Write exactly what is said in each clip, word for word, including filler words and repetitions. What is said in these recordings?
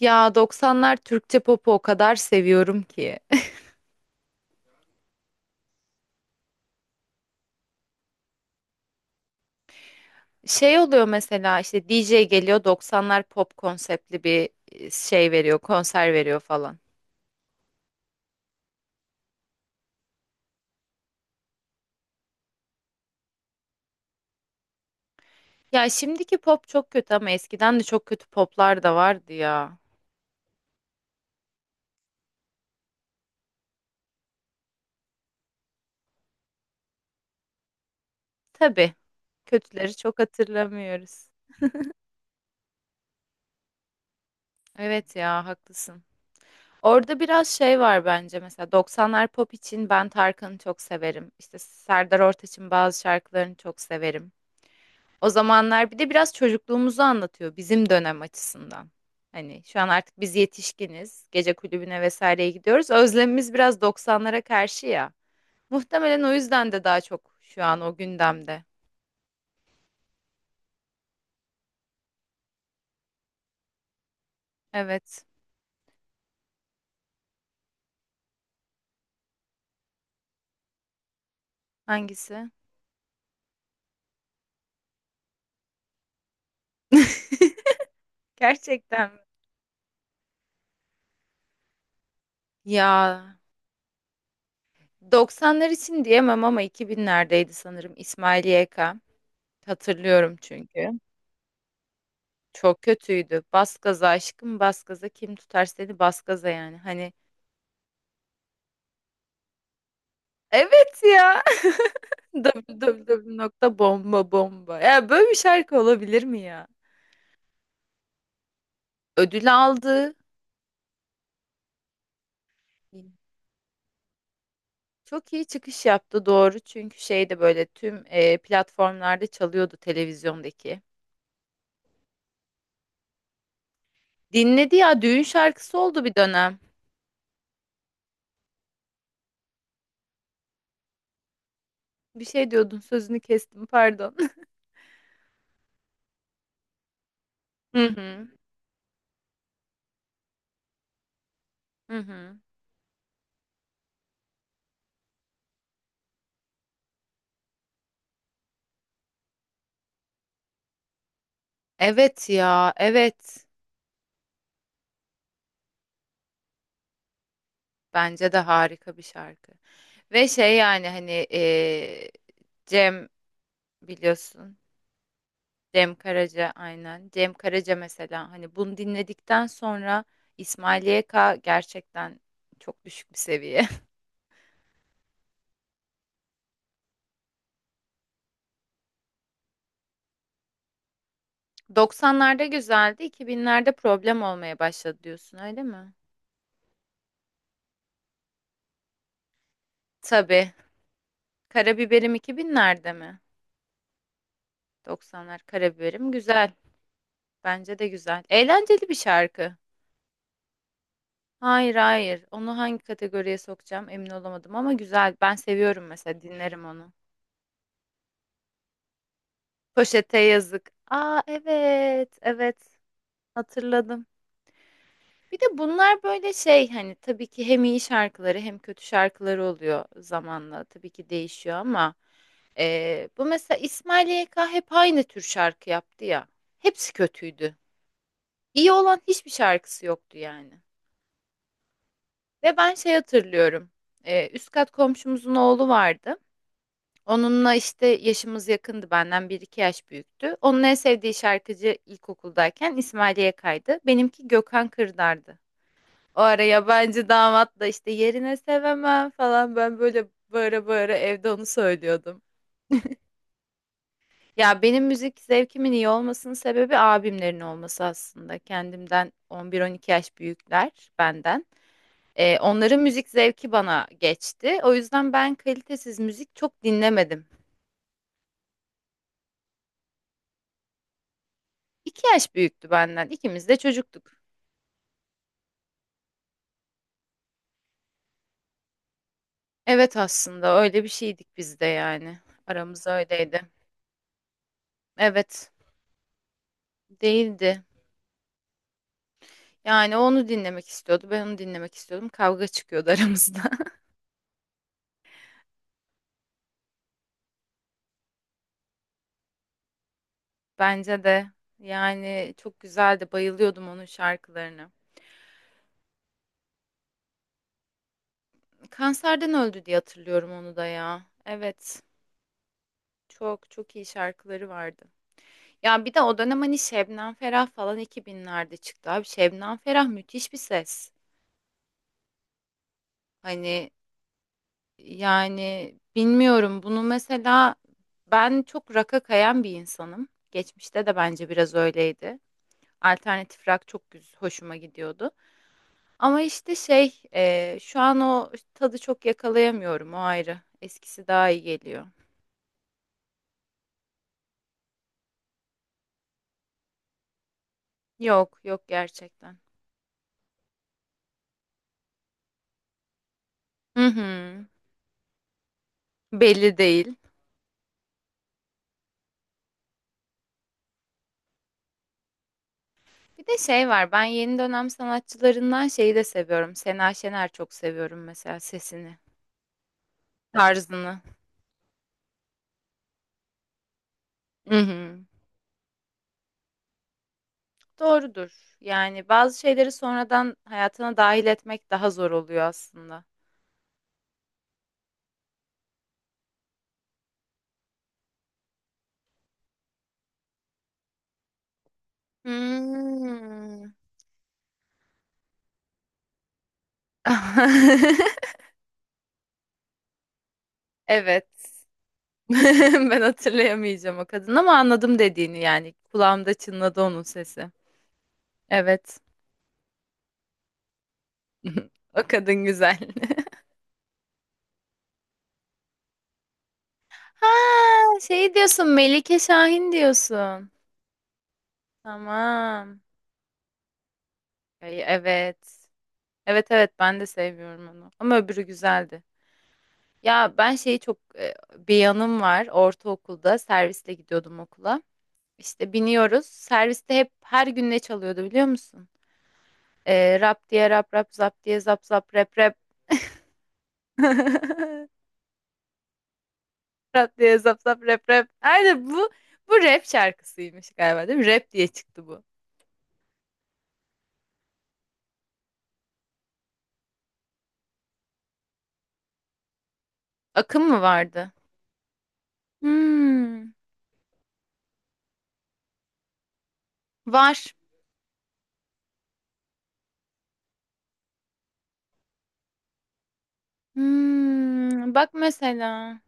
Ya doksanlar Türkçe popu o kadar seviyorum ki. Şey oluyor mesela işte D J geliyor doksanlar pop konseptli bir e, şey veriyor, konser veriyor falan. Ya şimdiki pop çok kötü ama eskiden de çok kötü poplar da vardı ya. Tabii kötüleri çok hatırlamıyoruz. Evet ya haklısın. Orada biraz şey var bence mesela doksanlar pop için ben Tarkan'ı çok severim. İşte Serdar Ortaç'ın bazı şarkılarını çok severim. O zamanlar bir de biraz çocukluğumuzu anlatıyor bizim dönem açısından. Hani şu an artık biz yetişkiniz, gece kulübüne vesaireye gidiyoruz. Özlemimiz biraz doksanlara karşı ya. Muhtemelen o yüzden de daha çok şu an o gündemde. Evet. Hangisi? Gerçekten mi? Ya doksanlar için diyemem ama iki binlerdeydi sanırım İsmail Y K. Hatırlıyorum çünkü. Çok kötüydü. Bas gaza aşkım bas gaza kim tutar seni bas gaza yani. Hani evet ya. www nokta bomba bomba. Ya böyle bir şarkı olabilir mi ya? Ödül aldı. Çok iyi çıkış yaptı doğru. Çünkü şey de böyle tüm e, platformlarda çalıyordu televizyondaki. Dinledi ya düğün şarkısı oldu bir dönem. Bir şey diyordun sözünü kestim pardon. Hı hı. Hı hı. Evet ya, evet. Bence de harika bir şarkı. Ve şey yani hani eee, Cem biliyorsun. Cem Karaca aynen. Cem Karaca mesela hani bunu dinledikten sonra İsmail Y K gerçekten çok düşük bir seviye. doksanlarda güzeldi, iki binlerde problem olmaya başladı diyorsun öyle mi? Tabii. Karabiberim iki binlerde mi? doksanlar Karabiberim güzel. Bence de güzel. Eğlenceli bir şarkı. Hayır hayır. Onu hangi kategoriye sokacağım emin olamadım ama güzel. Ben seviyorum mesela dinlerim onu. Poşete yazık. Aa evet evet hatırladım. Bir de bunlar böyle şey hani tabii ki hem iyi şarkıları hem kötü şarkıları oluyor zamanla tabii ki değişiyor ama e, bu mesela İsmail Y K hep aynı tür şarkı yaptı ya. Hepsi kötüydü. İyi olan hiçbir şarkısı yoktu yani. Ve ben şey hatırlıyorum. E, üst kat komşumuzun oğlu vardı. Onunla işte yaşımız yakındı benden bir iki yaş büyüktü. Onun en sevdiği şarkıcı ilkokuldayken İsmail Y K'ydı. Benimki Gökhan Kırdar'dı. O ara yabancı damat da işte yerine sevemem falan ben böyle bağıra bağıra evde onu söylüyordum. Ya benim müzik zevkimin iyi olmasının sebebi abimlerin olması aslında. Kendimden on bir on iki yaş büyükler benden. Ee, onların müzik zevki bana geçti. O yüzden ben kalitesiz müzik çok dinlemedim. iki yaş büyüktü benden. İkimiz de çocuktuk. Evet aslında öyle bir şeydik biz de yani. Aramız öyleydi. Evet değildi. Yani o onu dinlemek istiyordu. Ben onu dinlemek istiyordum. Kavga çıkıyordu aramızda. Bence de yani çok güzeldi. Bayılıyordum onun şarkılarına. Kanserden öldü diye hatırlıyorum onu da ya. Evet. Çok çok iyi şarkıları vardı. Ya bir de o dönem hani Şebnem Ferah falan iki binlerde çıktı abi. Şebnem Ferah müthiş bir ses. Hani yani bilmiyorum bunu mesela ben çok rock'a kayan bir insanım. Geçmişte de bence biraz öyleydi. Alternatif rock çok güz hoşuma gidiyordu. Ama işte şey e, şu an o tadı çok yakalayamıyorum o ayrı. Eskisi daha iyi geliyor. Yok yok gerçekten. Hı hı. Belli değil. Bir de şey var ben yeni dönem sanatçılarından şeyi de seviyorum. Sena Şener çok seviyorum mesela sesini, tarzını. Hı hı. Doğrudur. Yani bazı şeyleri sonradan hayatına dahil etmek daha zor oluyor aslında. Hmm. Evet. Ben hatırlayamayacağım o kadın ama anladım dediğini yani. Kulağımda çınladı onun sesi. Evet. O kadın güzel. Ha, şey diyorsun Melike Şahin diyorsun. Tamam. Ay, evet. Evet evet ben de seviyorum onu. Ama öbürü güzeldi. Ya ben şeyi çok e, bir yanım var. Ortaokulda servisle gidiyordum okula. İşte biniyoruz. Serviste hep her gün ne çalıyordu biliyor musun? E, rap diye rap rap zap diye zap zap rap rap. Rap diye zap zap rap rap. Aynen bu bu rap şarkısıymış galiba değil mi? Rap diye çıktı bu. Akım mı vardı? Hmm, var. Hmm, bak mesela.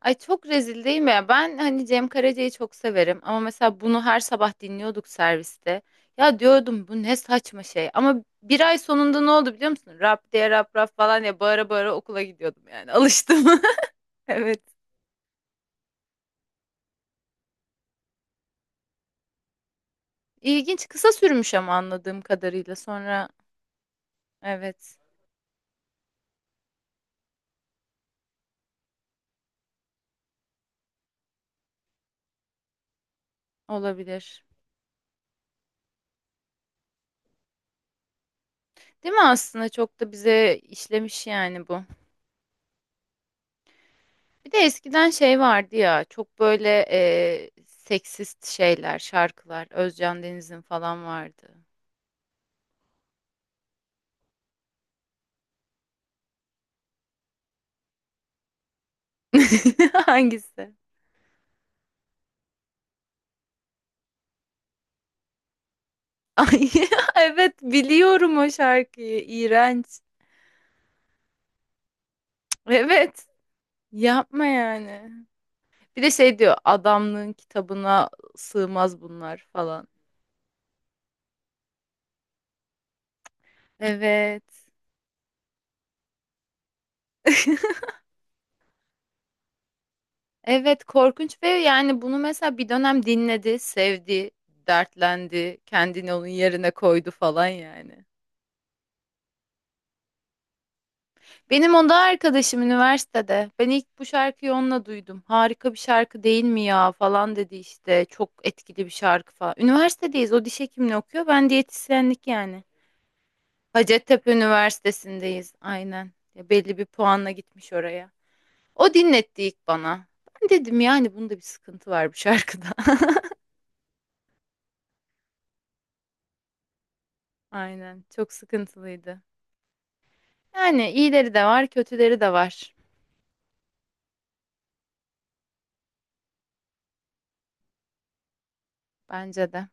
Ay çok rezil değil mi ya? Ben hani Cem Karaca'yı çok severim ama mesela bunu her sabah dinliyorduk serviste. Ya diyordum bu ne saçma şey. Ama bir ay sonunda ne oldu biliyor musun? Rap diye rap rap falan ya bağıra bağıra okula gidiyordum yani. Alıştım. Evet. İlginç kısa sürmüş ama anladığım kadarıyla sonra Evet, olabilir. Değil mi aslında çok da bize işlemiş yani bu. Bir de eskiden şey vardı ya çok böyle e, seksist şeyler, şarkılar. Özcan Deniz'in falan vardı. Hangisi? Ay, evet biliyorum o şarkıyı. İğrenç. Evet. Yapma yani. Bir de şey diyor adamlığın kitabına sığmaz bunlar falan. Evet. Evet korkunç ve yani bunu mesela bir dönem dinledi, sevdi, dertlendi, kendini onun yerine koydu falan yani. Benim onda arkadaşım üniversitede. Ben ilk bu şarkıyı onunla duydum. Harika bir şarkı değil mi ya falan dedi işte. Çok etkili bir şarkı falan. Üniversitedeyiz. O diş hekimliği okuyor. Ben diyetisyenlik yani. Hacettepe Üniversitesi'ndeyiz. Aynen. Ya belli bir puanla gitmiş oraya. O dinletti ilk bana. Ben dedim yani bunda bir sıkıntı var bu şarkıda. Aynen. Çok sıkıntılıydı. Yani iyileri de var, kötüleri de var. Bence de.